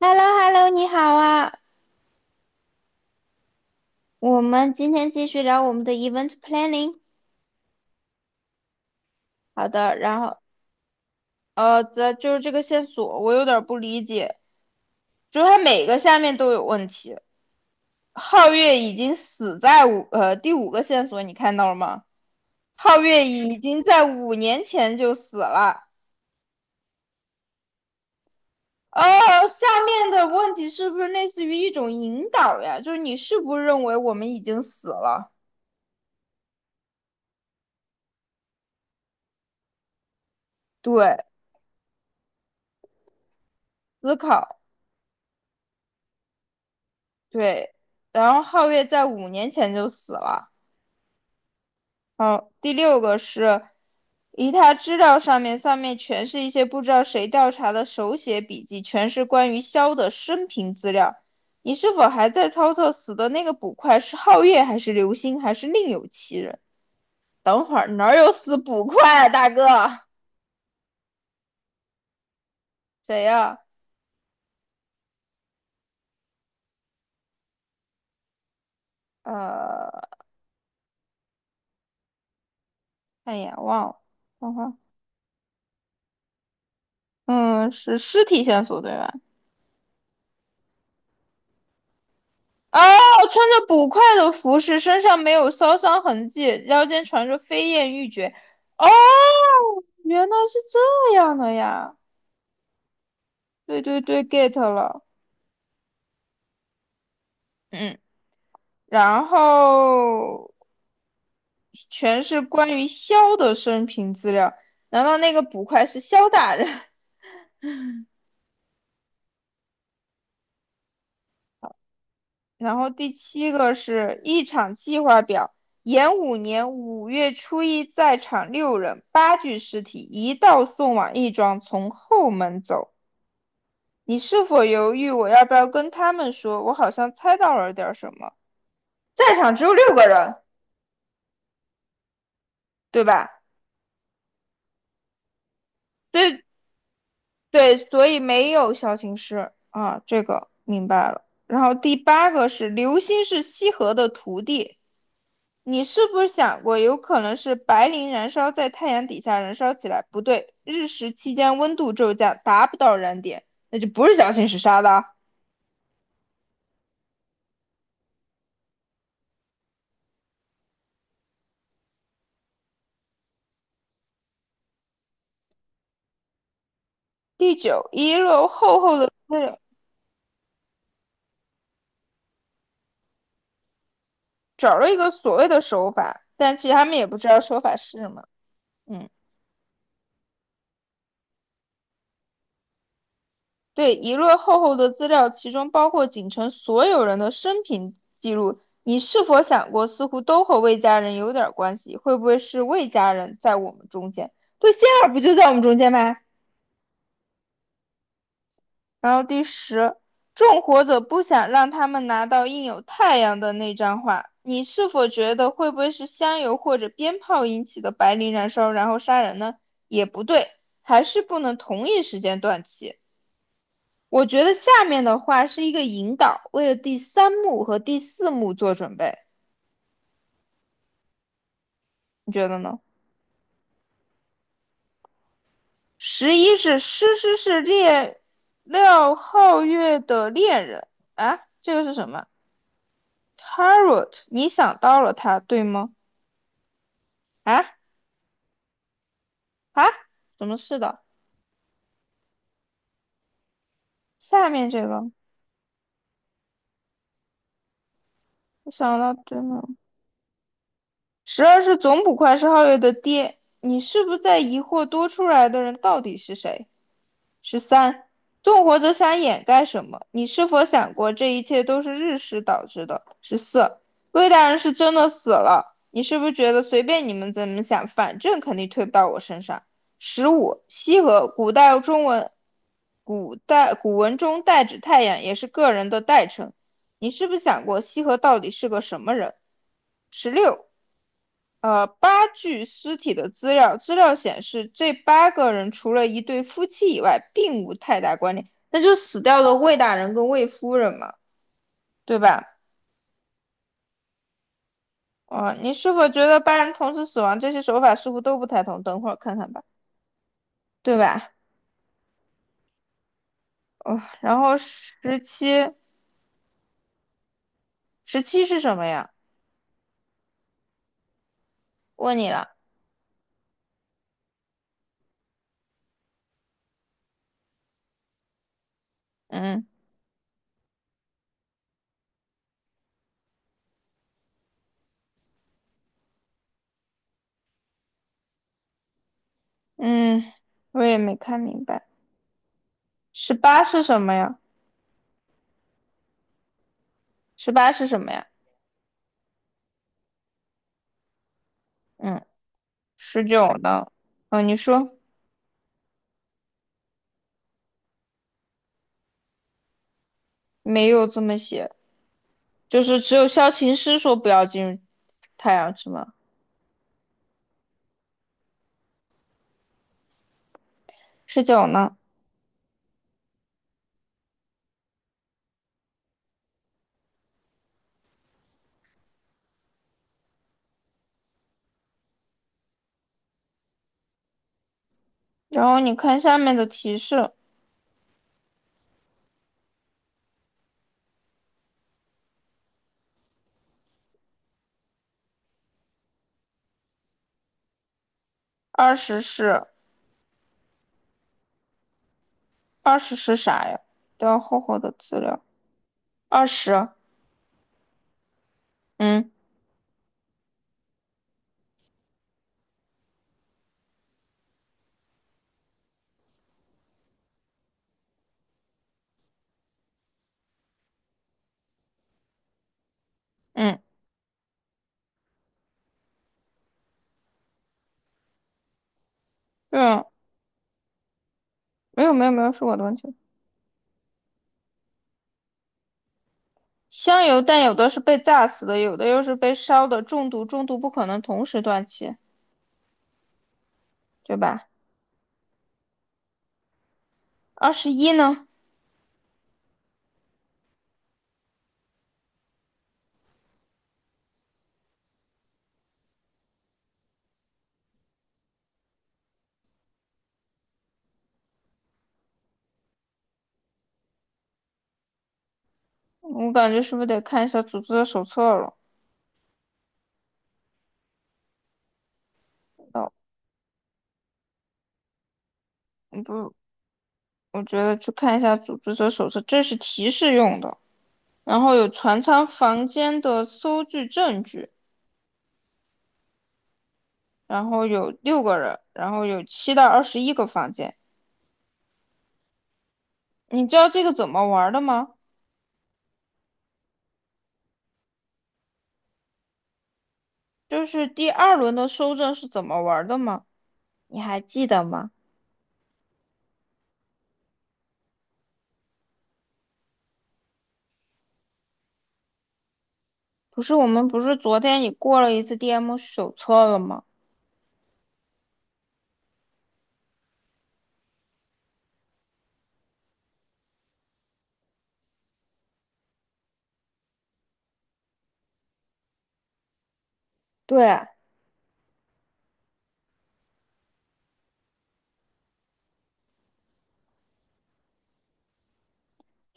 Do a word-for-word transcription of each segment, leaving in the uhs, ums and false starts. h e l l o h e l l o 你好啊！我们今天继续聊我们的 event planning。好的，然后呃，这就是这个线索，我有点儿不理解，就是它每个下面都有问题。皓月已经死在五呃第五个线索，你看到了吗？皓月已经在五年前就死了。哦，下面的问题是不是类似于一种引导呀？就是你是不是认为我们已经死了？对，思考，对，然后皓月在五年前就死了。好，第六个是，以他资料上面上面全是一些不知道谁调查的手写笔记，全是关于肖的生平资料。你是否还在操作死的那个捕快是皓月还是流星还是另有其人？等会儿哪有死捕快啊，大哥？谁呀、啊呃，哎呀，忘了，等会嗯，是尸体线索对吧？哦，穿着捕快的服饰，身上没有烧伤痕迹，腰间缠着飞燕玉珏。哦，原来是这样的呀！对对对，get 了。嗯，然后全是关于萧的生平资料。难道那个捕快是萧大人？然后第七个是一场计划表。延五年五月初一，在场六人，八具尸体，一道送往义庄，从后门走。你是否犹豫我要不要跟他们说？我好像猜到了点什么。在场只有六个人，对吧？对对，所以没有小情师啊，这个明白了。然后第八个是流星是西河的徒弟，你是不是想过有可能是白磷燃烧在太阳底下燃烧起来？不对，日食期间温度骤降，达不到燃点，那就不是小情师杀的啊第九，遗留厚厚的资料。找了一个所谓的手法，但其实他们也不知道手法是什么。嗯，对，一摞厚厚的资料，其中包括景城所有人的生平记录。你是否想过，似乎都和魏家人有点关系？会不会是魏家人在我们中间？对，仙儿不就在我们中间吗？然后第十，纵火者不想让他们拿到印有太阳的那张画。你是否觉得会不会是香油或者鞭炮引起的白磷燃烧，然后杀人呢？也不对，还是不能同一时间断气。我觉得下面的话是一个引导，为了第三幕和第四幕做准备，你觉得呢？十一是诗诗是猎廖皓月的恋人啊，这个是什么？Tarot，你想到了他，对吗？啊啊，怎么是的？下面这个，我想到对吗？十二是总捕快是皓月的爹，你是不是在疑惑多出来的人到底是谁？十三，纵火者想掩盖什么？你是否想过这一切都是日食导致的？十四，魏大人是真的死了，你是不是觉得随便你们怎么想，反正肯定推不到我身上？十五，羲和，古代中文，古代古文中代指太阳，也是个人的代称。你是不是想过羲和到底是个什么人？十六，呃，八具尸体的资料，资料显示这八个人除了一对夫妻以外，并无太大关联。那就死掉的魏大人跟魏夫人嘛，对吧？哦，呃你是否觉得八人同时死亡这些手法似乎都不太同？等会儿看看吧，对吧？哦，然后十七，十七是什么呀？问你了，嗯嗯，我也没看明白。十八是什么呀？十八是什么呀？嗯，十九呢？嗯，你说没有这么写。就是只有萧琴师说不要进入太阳之门。十九呢？然后你看下面的提示，二十是二十是啥呀？都要厚厚的资料。二十，嗯嗯嗯，没有没有没有，是我的问题。香油但有的是被炸死的，有的又是被烧的中毒，中毒不可能同时断气，对吧？二十一呢？我感觉是不是得看一下组织者手册了？哦，不，我觉得去看一下组织者手册，这是提示用的。然后有船舱房间的搜据证据，然后有六个人，然后有七到二十一个房间。你知道这个怎么玩的吗？就是第二轮的搜证是怎么玩的吗？你还记得吗？不是我们不是昨天你过了一次 D M 手册了吗？对，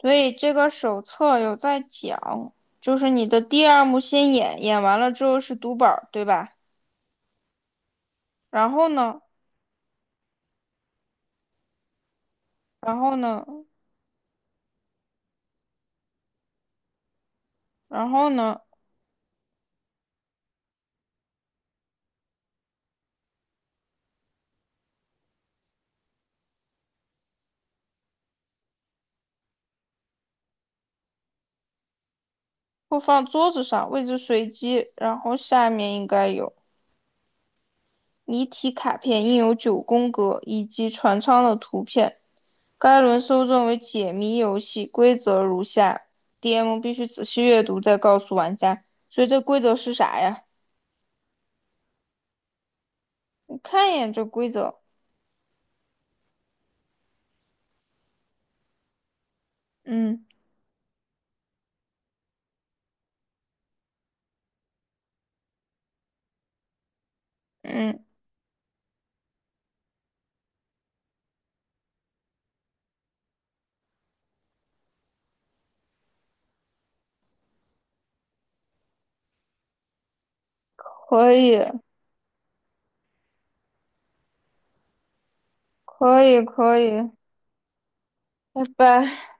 所以这个手册有在讲，就是你的第二幕先演，演完了之后是读本对吧？然后呢，然后呢，然后呢，或放桌子上，位置随机，然后下面应该有谜题卡片，印有九宫格以及船舱的图片。该轮搜证为解谜游戏，规则如下：D M 必须仔细阅读再告诉玩家。所以这规则是啥呀？你看一眼这规则，嗯嗯，可以可以可以，拜拜。